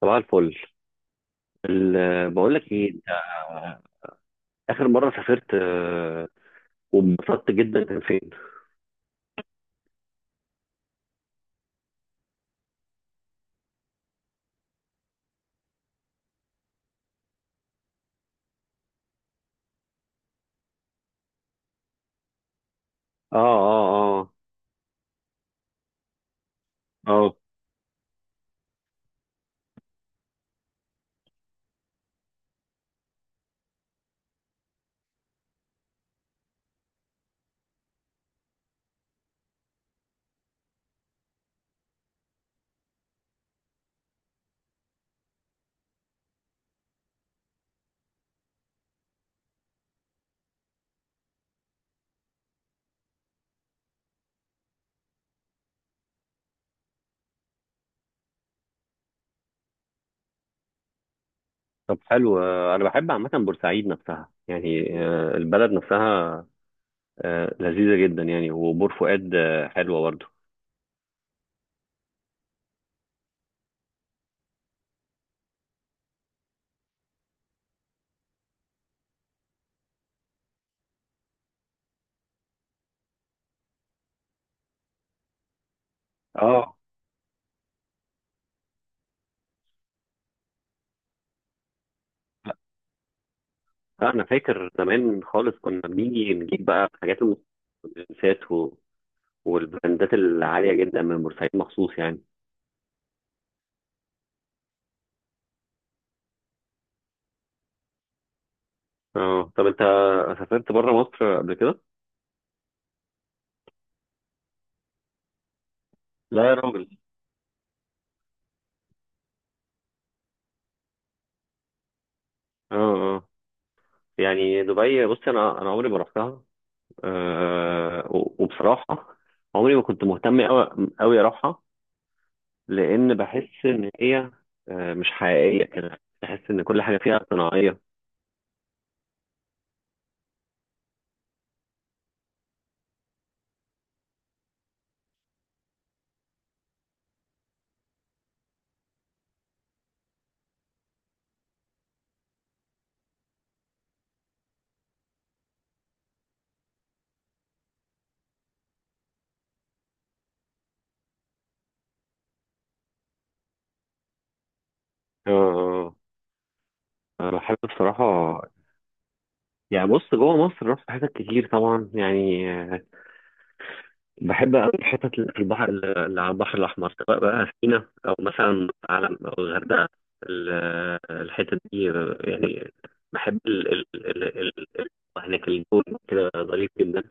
صباح الفل. بقول لك ايه، انت اخر مره سافرت وانبسطت جدا كان فين؟ اه، اه، اه. اه. طب، حلو. انا بحب عامه بورسعيد نفسها، يعني البلد نفسها لذيذه جدا، يعني وبور فؤاد حلوه برضه. اه. لا، انا فاكر زمان خالص، كنا بنيجي نجيب بقى حاجات المستلزمات والبراندات العاليه جدا من بورسعيد مخصوص يعني. اه. طب انت سافرت بره مصر قبل كده؟ لا يا راجل! اه. يعني دبي، بص انا عمري ما رحتها. أه، وبصراحه عمري ما كنت مهتم قوي قوي اروحها، لان بحس ان هي مش حقيقيه كده، بحس ان كل حاجه فيها صناعيه. أه. أنا بحب بصراحه. يعني بص، جوه مصر رحت حاجات كتير طبعا يعني. بحب أوي الحتت اللي في البحر، اللي على البحر الأحمر، سواء بقى سينا أو مثلا علم أو الغردقة. ال- الحتت دي يعني، بحب. هناك الجو كده ظريف جدا.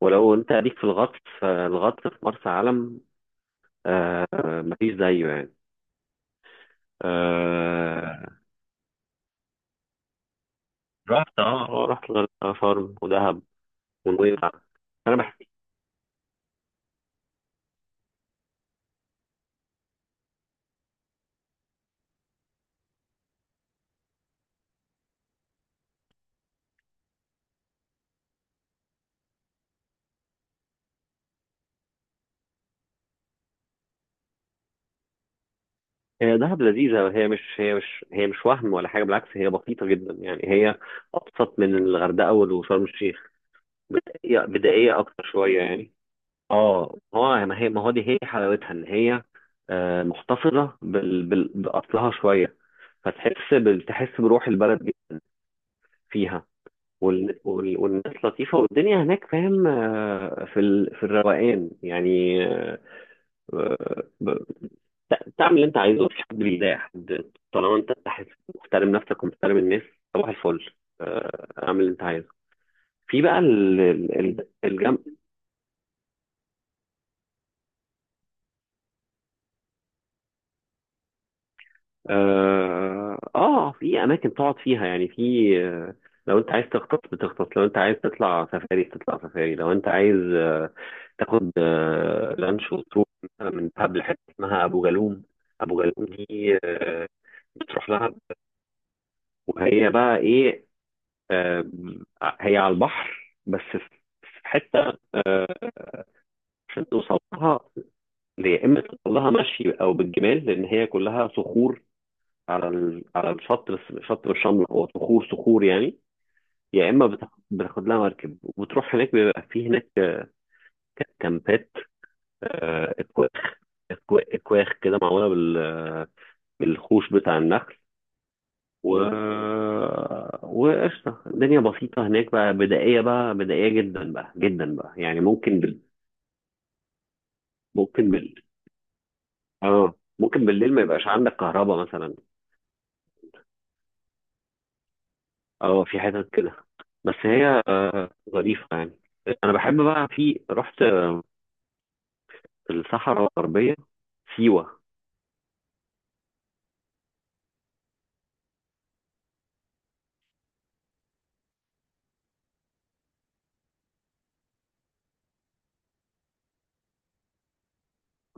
ولو أنت ليك في الغطس، فالغطس في مرسى علم آه مفيش زيه يعني. آه رحت، اه، رحت الغردقة، شرم، ودهب ونويبع. أنا. هي دهب لذيذة، هي مش وهم ولا حاجة، بالعكس هي بسيطة جدا يعني. هي أبسط من الغردقة وشرم الشيخ، بدائية بدائية أكتر شوية يعني. اه، هو ما هي ما هو دي هي حلاوتها، ان هي محتفظة بأصلها شوية. تحس بروح البلد دي فيها. والناس لطيفة والدنيا هناك، فاهم؟ في الروقان يعني. آه، تعمل اللي انت عايزه، في حد لله يا حد، طالما انت تحس محترم نفسك ومحترم الناس. صباح الفل. اعمل اللي انت عايزه في بقى الجنب. اه. في اماكن تقعد فيها، يعني في. لو انت عايز تخطط بتخطط، لو انت عايز تطلع سفاري بتطلع سفاري، لو انت عايز تاخد لانش وتروح مثلا من دهب لحته اسمها ابو جالوم. ابو جالوم دي بتروح لها، وهي بقى ايه؟ آم، هي على البحر، بس في حته عشان توصل لها. يا اما توصل لها مشي او بالجمال، لان هي كلها صخور على الشط، بس الشط مش شمله، هو صخور صخور يعني. يا اما بتاخد لها مركب وبتروح هناك، بيبقى في هناك كامبات، اكواخ. اكواخ كده معموله بالخوش بتاع النخل. و وقشطة الدنيا بسيطة هناك بقى، بدائية بقى، بدائية جدا بقى، جدا بقى يعني ممكن. ممكن بال اه، ممكن بالليل ما يبقاش عندك كهرباء مثلا. اه، في حتت كده، بس هي ظريفة يعني. انا بحب بقى، رحت الصحراء الغربية، سيوة.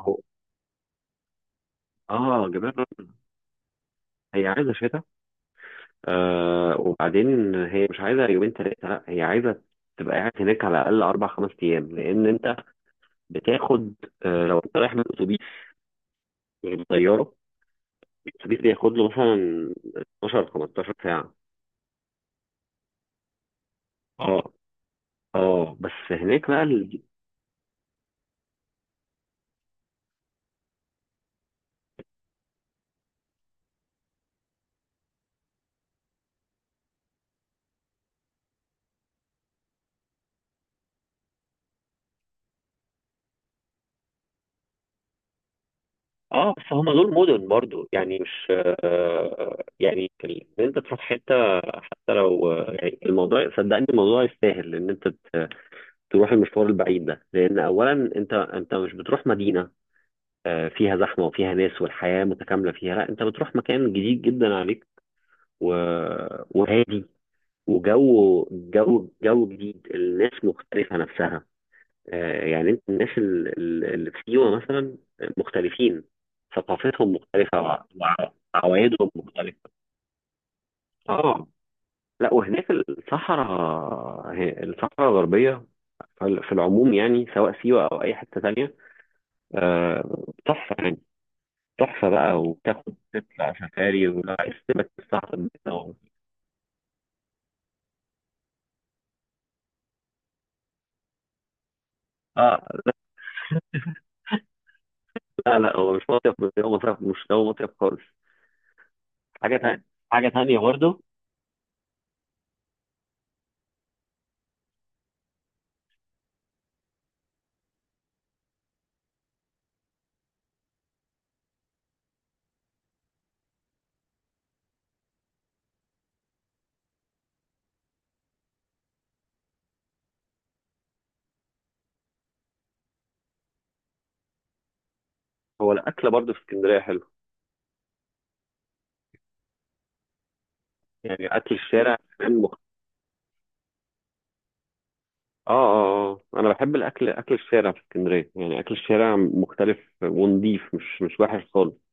هو، اه، جبال، رمل. هي عايزة شتاء. وبعدين، هي مش عايزة يومين تلاتة، لا هي عايزة تبقى قاعد هناك على الأقل أربع خمس أيام، لأن أنت بتاخد لو أنت رايح بالأتوبيس غير الطيارة. الأتوبيس بياخد له مثلا 12 15 ساعة. اه، اه، بس هناك بقى. اه، بس هما دول مدن برضو يعني، مش. يعني ان انت تروح حته، حتى لو يعني الموضوع، صدقني الموضوع يستاهل ان انت تروح المشوار البعيد ده، لان اولا انت مش بتروح مدينه فيها زحمه وفيها ناس والحياه متكامله فيها، لا انت بتروح مكان جديد جدا عليك، و... وهادي، وجو جو جو جديد، الناس مختلفه نفسها. يعني انت، الناس اللي في سيوة مثلا مختلفين، ثقافتهم مختلفة، وعوايدهم مختلفة. اه. لا، وهناك الصحراء، الصحراء الغربية، في العموم يعني، سواء سيوة أو أي حتة تانية تحفة يعني، تحفة بقى، وتاخد تطلع سفاري ولا عايز تبقى في الصحراء دي. اه. لا، لا، هو مش مصيف، بس هو مصيف، مش، هو مصيف خالص. حاجة تانية. حاجة تانية برضه. هو الأكل برضه في اسكندرية حلو، يعني أكل الشارع كمان. اه، اه، اه، انا بحب اكل الشارع في اسكندريه، يعني اكل الشارع مختلف ونضيف، مش وحش خالص.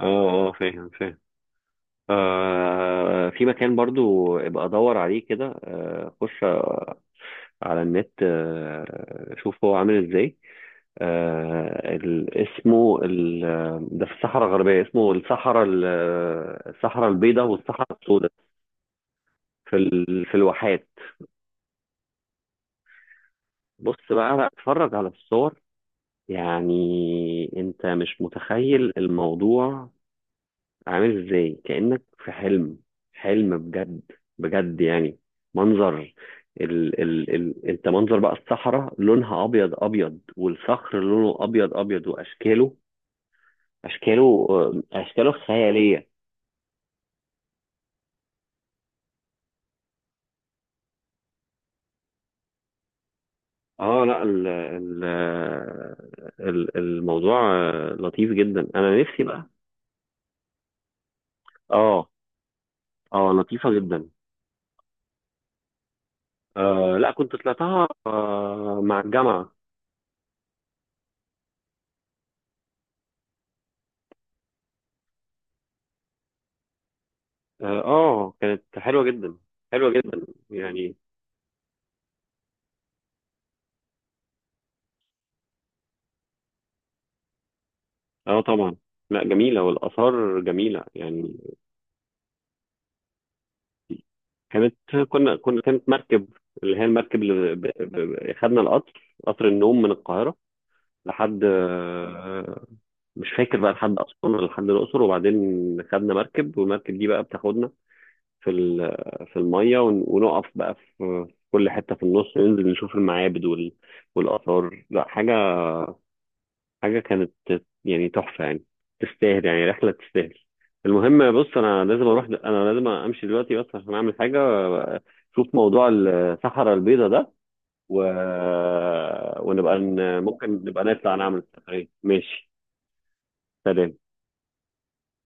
اه، اه. فاهم فاهم. في مكان برضو ابقى ادور عليه كده، خش على النت، شوف هو عامل ازاي. اسمه ال. ده في الصحراء الغربيه، اسمه الصحراء الصحراء البيضاء والصحراء السوداء، في الواحات. بص بقى، لا اتفرج على الصور، يعني انت مش متخيل الموضوع عامل ازاي، كأنك في حلم. حلم بجد، بجد يعني، منظر. ال ال ال انت منظر بقى الصحراء لونها ابيض ابيض، والصخر لونه ابيض ابيض، واشكاله اشكاله اشكاله خيالية. اه. لا، ال ال ال الموضوع لطيف جدا، انا نفسي بقى. اه. اه، لطيفة جدا. لا، كنت طلعتها مع الجامعة. اه. كانت حلوة جدا، حلوة جدا يعني. اه طبعا. لا، جميلة، والآثار جميلة يعني. كانت كنا كنا كانت مركب، اللي هي المركب اللي خدنا القطر، قطر النوم، من القاهرة لحد مش فاكر بقى، لحد أسوان ولا لحد الأقصر، وبعدين خدنا مركب، والمركب دي بقى بتاخدنا في ال... في المية ونقف بقى في كل حتة في النص، ننزل نشوف المعابد والآثار. لا حاجة، حاجة كانت يعني تحفة يعني، تستاهل يعني، رحلة تستاهل. المهم بص، أنا لازم أمشي دلوقتي بس عشان أعمل حاجة. شوف موضوع الصحراء البيضاء ده، و... ونبقى ممكن نبقى نطلع نعمل سفرية، ماشي؟ سلام.